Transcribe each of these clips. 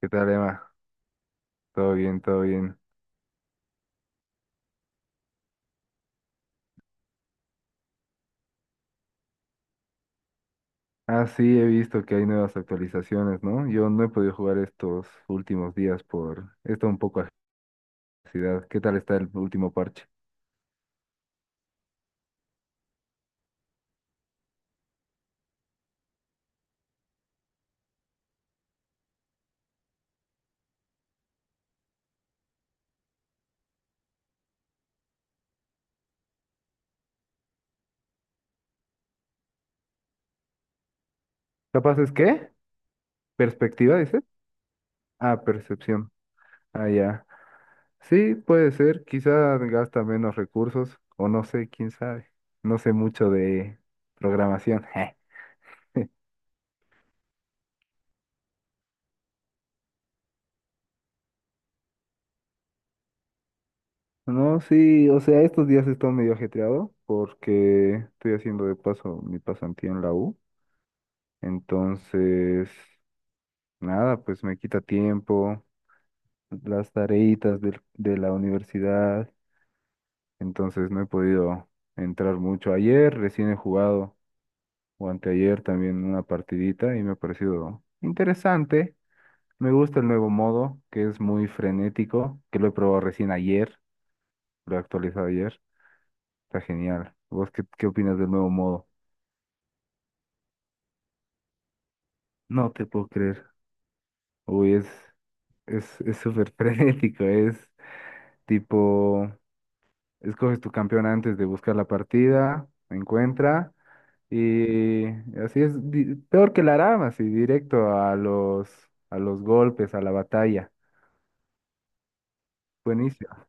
¿Qué tal, Emma? Todo bien, todo bien. Ah, sí, he visto que hay nuevas actualizaciones, ¿no? Yo no he podido jugar estos últimos días por esta un poco ansiedad. ¿Qué tal está el último parche? ¿Capaz es qué? ¿Perspectiva, dices? Ah, percepción. Ah, ya. Sí, puede ser. Quizá gasta menos recursos, o no sé, quién sabe. No sé mucho de programación. No, sí, o sea, estos días he estado medio ajetreado porque estoy haciendo de paso mi pasantía en la U. Entonces, nada, pues me quita tiempo, las tareitas del- de, la universidad, entonces no he podido entrar mucho. Ayer recién he jugado, o anteayer también una partidita y me ha parecido interesante. Me gusta el nuevo modo, que es muy frenético, que lo he probado recién ayer, lo he actualizado ayer, está genial. ¿Vos qué, qué opinas del nuevo modo? No te puedo creer. Uy, es súper frenético, es tipo... Escoges tu campeón antes de buscar la partida, encuentra y así es peor que la rama, así directo a los golpes, a la batalla. Buenísimo.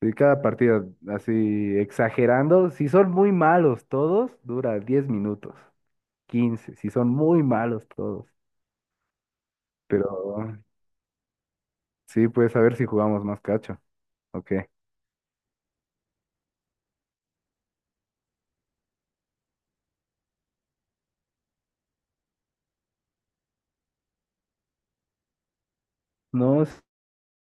Y cada partida, así exagerando, si son muy malos todos, dura 10 minutos, 15 si son muy malos todos. Pero sí, pues a ver si jugamos más cacho. Ok. No.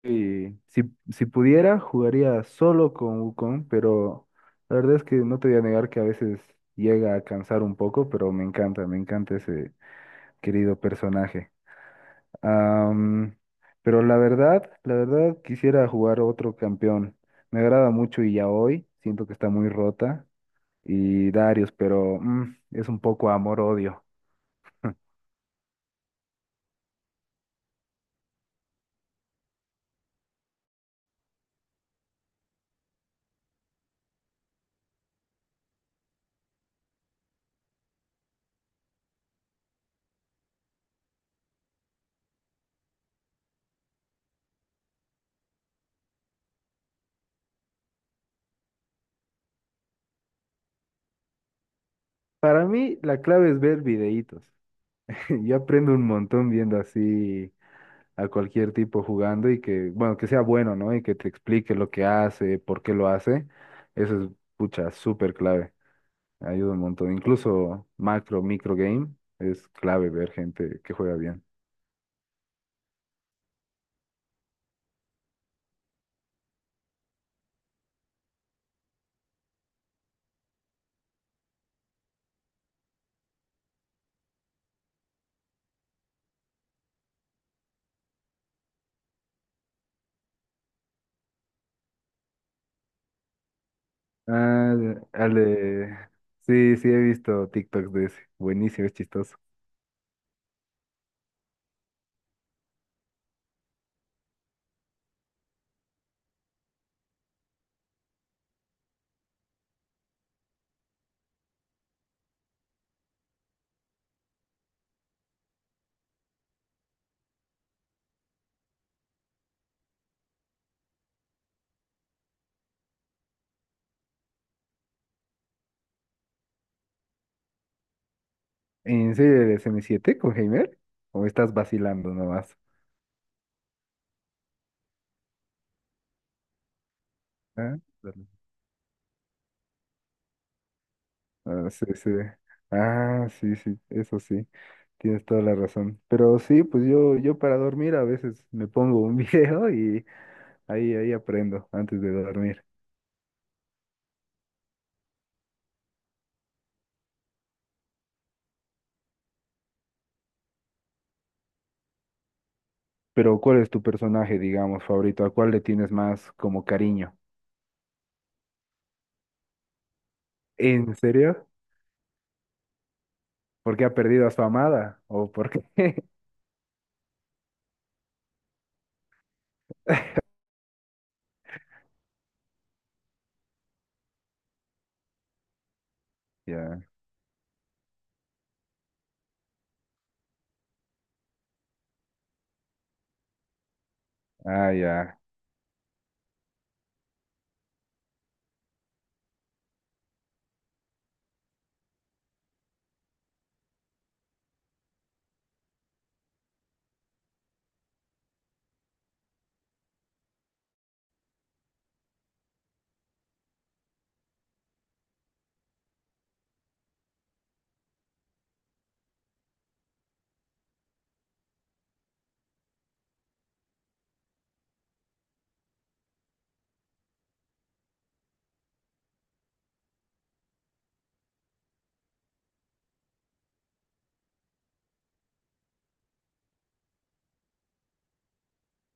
Sí, si pudiera, jugaría solo con Wukong, pero la verdad es que no te voy a negar que a veces llega a cansar un poco, pero me encanta ese querido personaje. Am, pero la verdad quisiera jugar otro campeón. Me agrada mucho y ya hoy siento que está muy rota. Y Darius, pero es un poco amor-odio. Para mí, la clave es ver videitos. Yo aprendo un montón viendo así a cualquier tipo jugando y que, bueno, que sea bueno, ¿no? Y que te explique lo que hace, por qué lo hace. Eso es, pucha, súper clave. Ayuda un montón. Incluso macro, micro game, es clave ver gente que juega bien. Ah, al de... Sí, sí, he visto TikToks de ese. Buenísimo, es chistoso. ¿En serio eres M7 con Heimer? ¿O estás vacilando nomás? ¿Ah? Ah, sí, sí. Ah, sí, sí, eso sí. Tienes toda la razón. Pero sí, pues yo para dormir a veces me pongo un video y ahí aprendo antes de dormir. Pero ¿cuál es tu personaje, digamos, favorito? ¿A cuál le tienes más como cariño? ¿En serio? ¿Porque ha perdido a su amada? ¿O por qué? Ya. Ah, ya.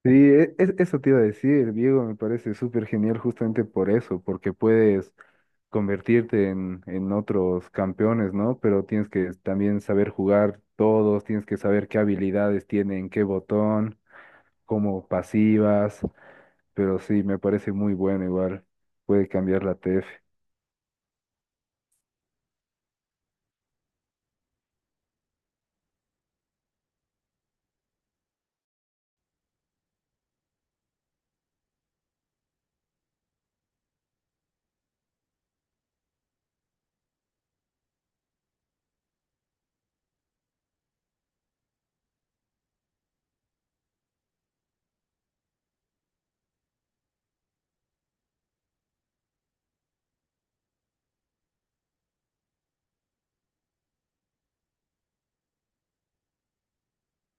Sí, eso te iba a decir, Diego, me parece súper genial justamente por eso, porque puedes convertirte en otros campeones, ¿no? Pero tienes que también saber jugar todos, tienes que saber qué habilidades tienen, qué botón, cómo pasivas, pero sí, me parece muy bueno igual, puede cambiar la TF.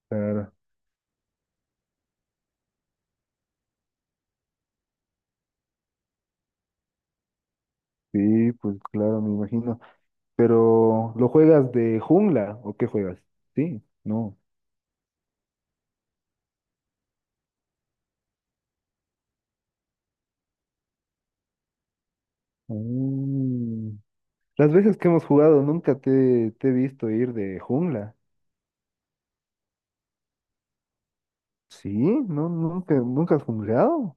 Claro, sí, pues claro, me imagino. Pero, ¿lo juegas de jungla o qué juegas? Sí, no. Mm. Las veces que hemos jugado nunca te he visto ir de jungla. Sí, no, nunca has jungleado.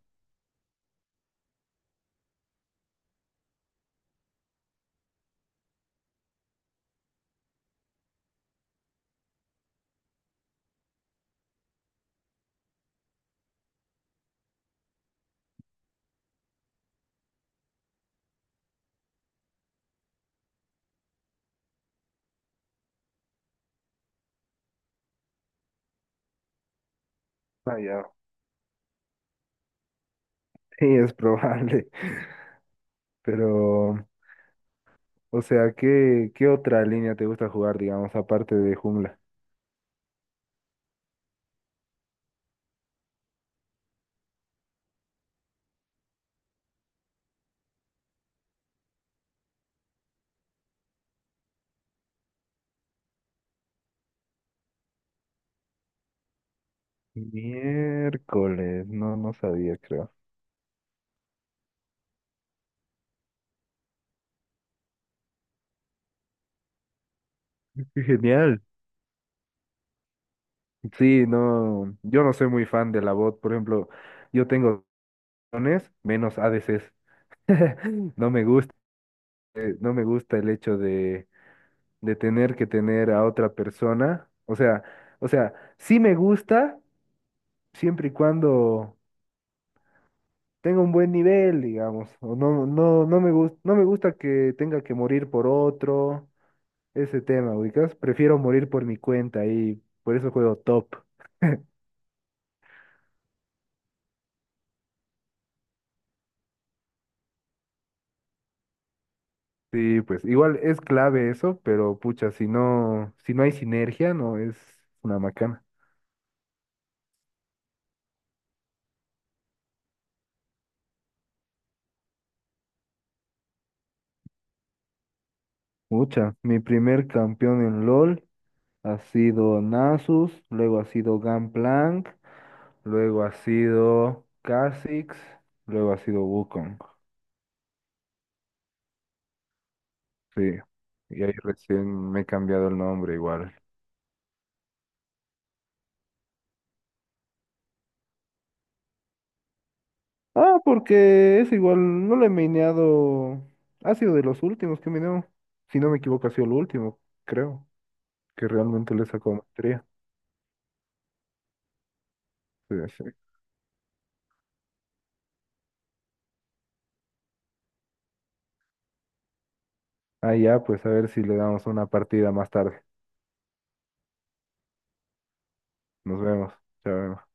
Ah, ya. Sí, es probable. Pero, o sea, ¿qué, qué otra línea te gusta jugar, digamos, aparte de jungla? Miércoles, no, no sabía, creo. Qué genial. Sí, no, yo no soy muy fan de la bot, por ejemplo, yo tengo dones menos ADCs. No me gusta, no me gusta el hecho de tener que tener a otra persona. O sea, sí me gusta siempre y cuando tenga un buen nivel, digamos. O no, no me gusta, no me gusta que tenga que morir por otro, ese tema, ubicas. Prefiero morir por mi cuenta y por eso juego top. Sí, pues igual es clave eso, pero pucha, si no hay sinergia, no es una macana. Pucha, mi primer campeón en LOL ha sido Nasus, luego ha sido Gangplank, luego ha sido Kha'Zix, luego ha sido Wukong. Sí. Y ahí recién me he cambiado el nombre igual. Ah, porque es igual, no lo he mineado. Ha sido de los últimos que mineo. Si no me equivoco, ha sido el último, creo. Que realmente le sacó maestría. Sí, sí. Ah, ya, pues a ver si le damos una partida más tarde. Nos vemos. Chao.